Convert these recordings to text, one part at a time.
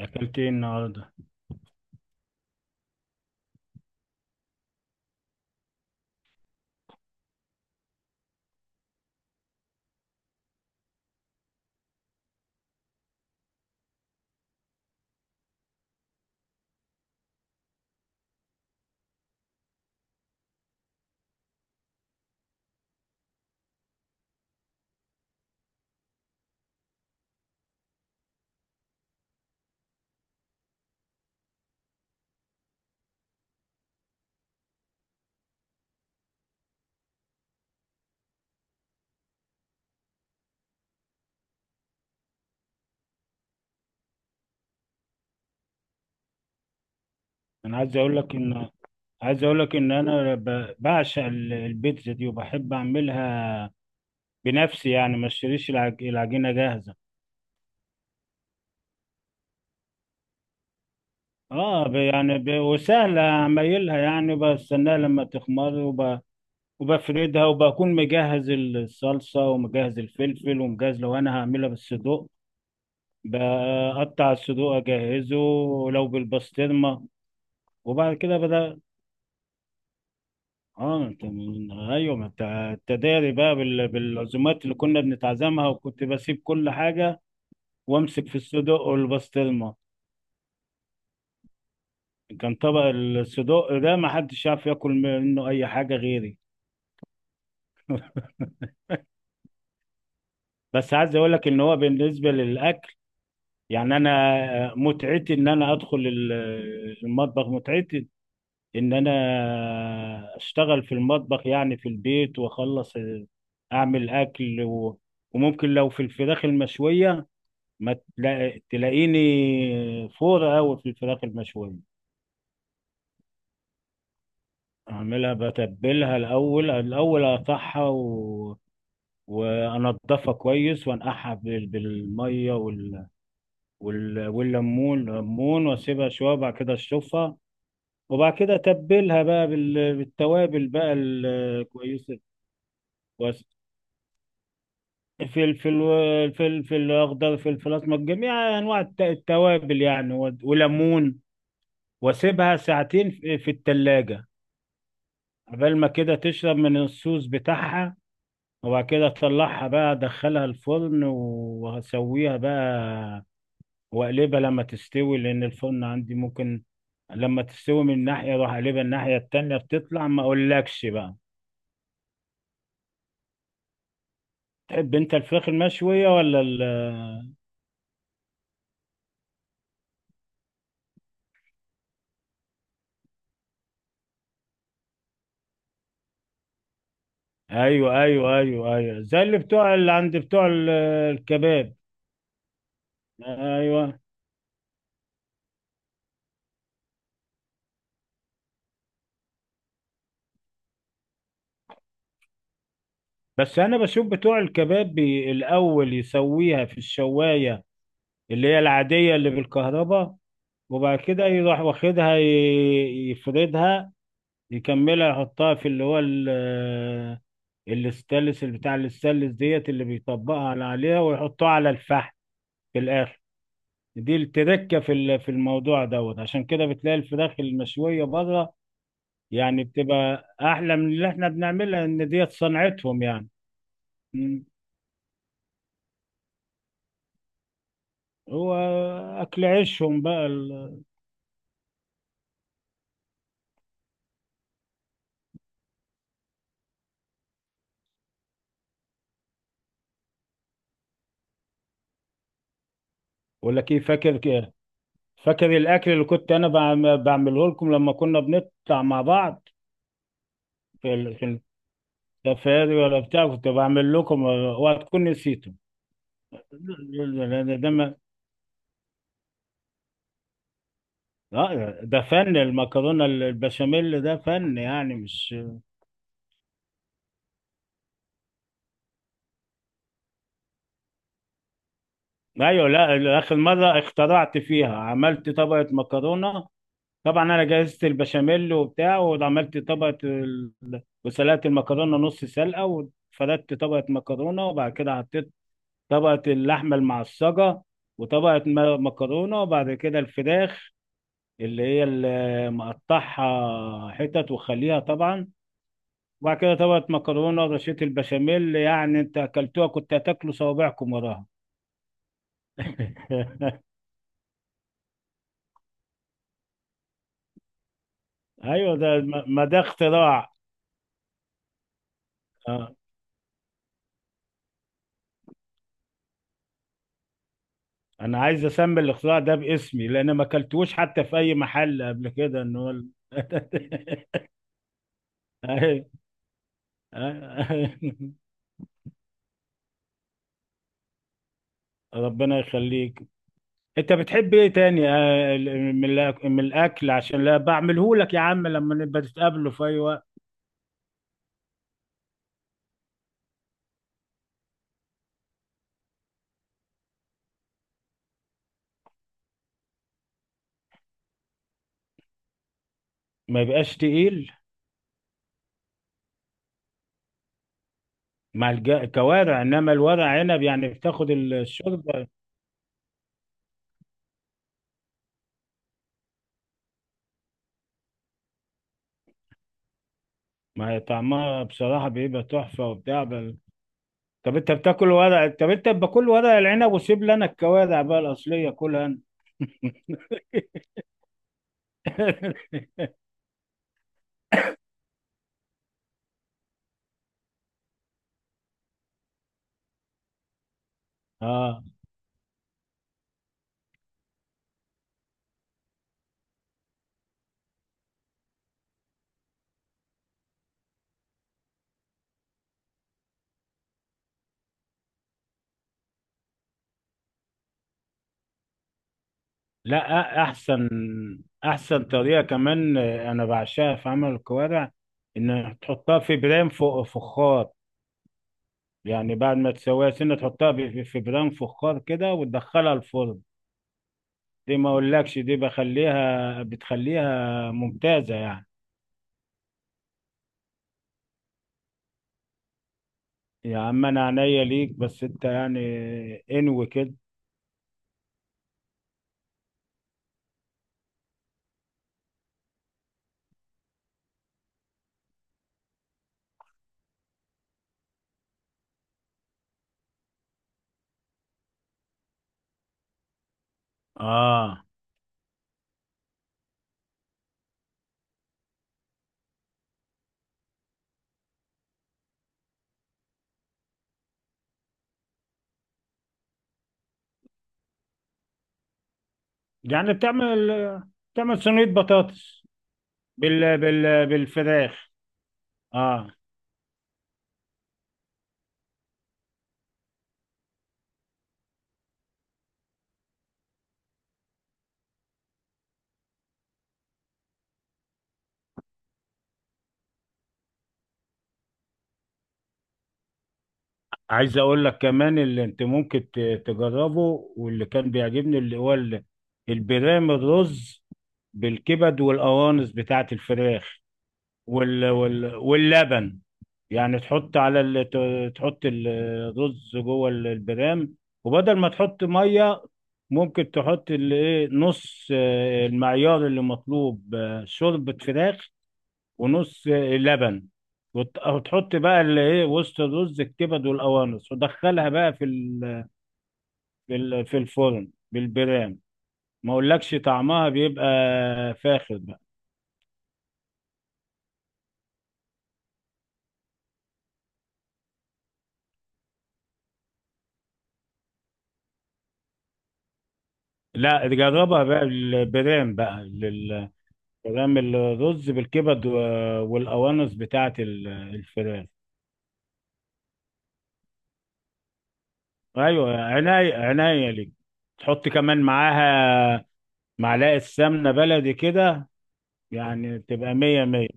اكلت ايه النهارده؟ انا عايز اقول لك ان عايز اقول لك ان انا بعشق البيتزا دي وبحب اعملها بنفسي. يعني ما اشتريش العجينه جاهزه. وسهله اعملها، يعني بستناها لما تخمر وبفردها، وبكون مجهز الصلصه ومجهز الفلفل ومجهز لو انا هعملها بالصدوق. بقطع الصدوق اجهزه لو بالبسطرمه. وبعد كده بدأ، اه انت ايوه، ما انت التداري بقى بالعزومات اللي كنا بنتعزمها، وكنت بسيب كل حاجه وامسك في الصدق والبسطرمه. كان طبق الصدق ده ما حدش يعرف ياكل منه اي حاجه غيري. بس عايز اقول لك ان هو بالنسبه للاكل، يعني انا متعتي ان انا ادخل المطبخ. متعتي ان انا اشتغل في المطبخ يعني في البيت واخلص اعمل اكل وممكن لو في الفراخ المشويه ما تلا- تلاقيني فور قوي في الفراخ المشوية. اعملها بتبلها الاول، الاول اقطعها وانضفها كويس وانقعها بالميه والليمون، ليمون، واسيبها شويه وبعد كده اشطفها. وبعد كده اتبلها بقى بالتوابل بقى الكويسه. وأس- فلفل، فلفل اخضر، فلفل اسمر، جميع انواع التوابل يعني، وليمون. واسيبها ساعتين في التلاجة قبل ما كده تشرب من الصوص بتاعها. وبعد كده اطلعها بقى، ادخلها الفرن وهسويها بقى، واقلبها لما تستوي، لان الفرن عندي ممكن لما تستوي من ناحية اروح اقلبها الناحية التانية. بتطلع ما اقولكش بقى. تحب انت الفراخ المشوية ولا ال...؟ ايوه، ايوه، ايوه، ايوه، زي اللي بتوع اللي عند بتوع الكباب. ايوه. بس انا بشوف بتوع الكباب الاول يسويها في الشوايه، اللي هي العاديه اللي بالكهرباء، وبعد كده يروح واخدها يفردها، يكملها، يحطها في اللي هو الاستانلس، اللي بتاع الاستانلس ديت، اللي بيطبقها عليها ويحطها على الفحم في الاخر. دي التركه في في الموضوع دوت. عشان كده بتلاقي الفراخ المشويه بره، يعني بتبقى احلى من اللي احنا بنعملها، ان ديت صنعتهم يعني. مم. هو اكل عيشهم بقى ولا كيف؟ فاكر كده؟ فاكر الاكل اللي كنت انا بعمله لكم لما كنا بنطلع مع بعض في في الكافيهات ولا بتاع؟ كنت بعمل لكم وهتكون نسيته. لأن ده ما آه، ده فن. المكرونه البشاميل ده فن يعني، مش... ايوه، لا، اخر مره اخترعت فيها عملت طبقه مكرونه. طبعا انا جهزت البشاميل وبتاع وعملت طبقه وسلقت المكرونه نص سلقه، وفردت طبقه مكرونه، وبعد كده حطيت طبقه اللحمه المعصجه، وطبقه مكرونه، وبعد كده الفراخ اللي هي اللي مقطعها حتت وخليها طبعا، وبعد كده طبقة مكرونة ورشة البشاميل. يعني انت اكلتوها كنت هتاكلوا صوابعكم وراها. ايوه، ده ما ما ده اختراع. آه. انا عايز اسمي الاختراع ده باسمي، لان ما اكلتوش حتى في اي محل قبل كده ان هو أيوة. ربنا يخليك. انت بتحب ايه تاني من من الاكل عشان لا بعمله لك، يا عم، لما نبقى تتقابلوا في اي وقت؟ ما يبقاش تقيل مع كوارع. انما الورق عنب يعني بتاخد الشوربه. ما هي طعمها بصراحه بيبقى تحفه وبتاع طب انت باكل ورق العنب وسيب لنا الكوارع بقى الاصليه كلها انت. اه، لا، أ- احسن احسن طريقه كمان، انا بعشقها في عمل الكوارع، ان تحطها في برام فوق فخار. يعني بعد ما تسويها سنه تحطها في برام فخار كده وتدخلها الفرن. دي ما اقولكش، دي بتخليها ممتازة يعني. يا عم انا عينيا ليك، بس انت يعني انوي كده. اه يعني بتعمل صينية بطاطس بالفراخ. اه، عايز اقول لك كمان اللي انت ممكن تجربه، واللي كان بيعجبني اللي هو البرام الرز بالكبد والقوانص بتاعت الفراخ واللبن. يعني تحط على تحط الرز جوه البرام، وبدل ما تحط ميه ممكن تحط الايه نص، المعيار اللي مطلوب، شوربة فراخ، ونص، لبن، وتحط بقى الايه وسط الرز الكبد والقوانص، ودخلها بقى في في الفرن بالبرام. ما اقولكش طعمها بيبقى فاخر بقى. لا، جربها بقى البرام بقى. بنعمل رز بالكبد والقوانص بتاعت الفراخ. ايوه، عناية ليك. تحط كمان معاها معلقة سمنة بلدي كده، يعني تبقى مية مية.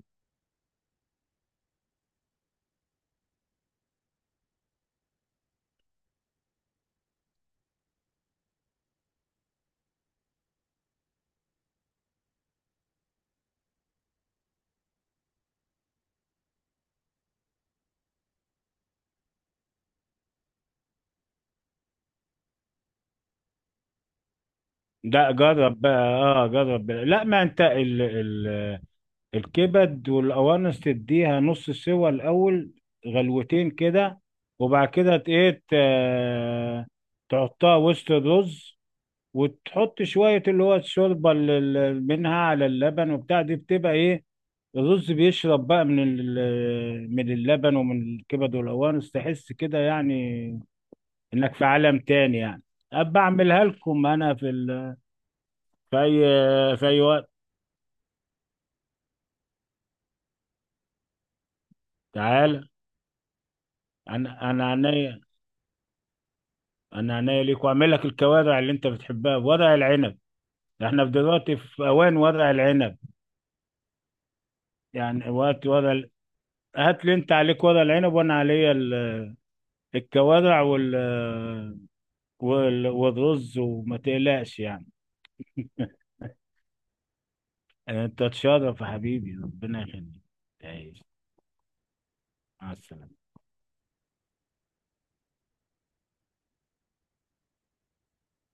لا، جرب بقى. لا، ما انت ال ال الكبد والقوانص تديها نص سوا الاول، غلوتين كده، وبعد كده تحطها وسط الرز، وتحط شوية اللي هو الشوربة منها على اللبن وبتاع. دي بتبقى ايه، الرز بيشرب بقى من من اللبن ومن الكبد والقوانص. تحس كده يعني انك في عالم تاني يعني. ابقى اعملها لكم انا في ال... في اي في اي وقت. تعال، انا انا عينيا ليك، واعمل لك الكوارع اللي انت بتحبها، ورق العنب. احنا في دلوقتي في اوان ورق العنب، يعني وقت ورق هات لي، انت عليك ورق العنب وانا عليا الكوارع والرز، وما تقلقش يعني. انت تشرف يا حبيبي، ربنا يخليك، تعيش. مع السلامة.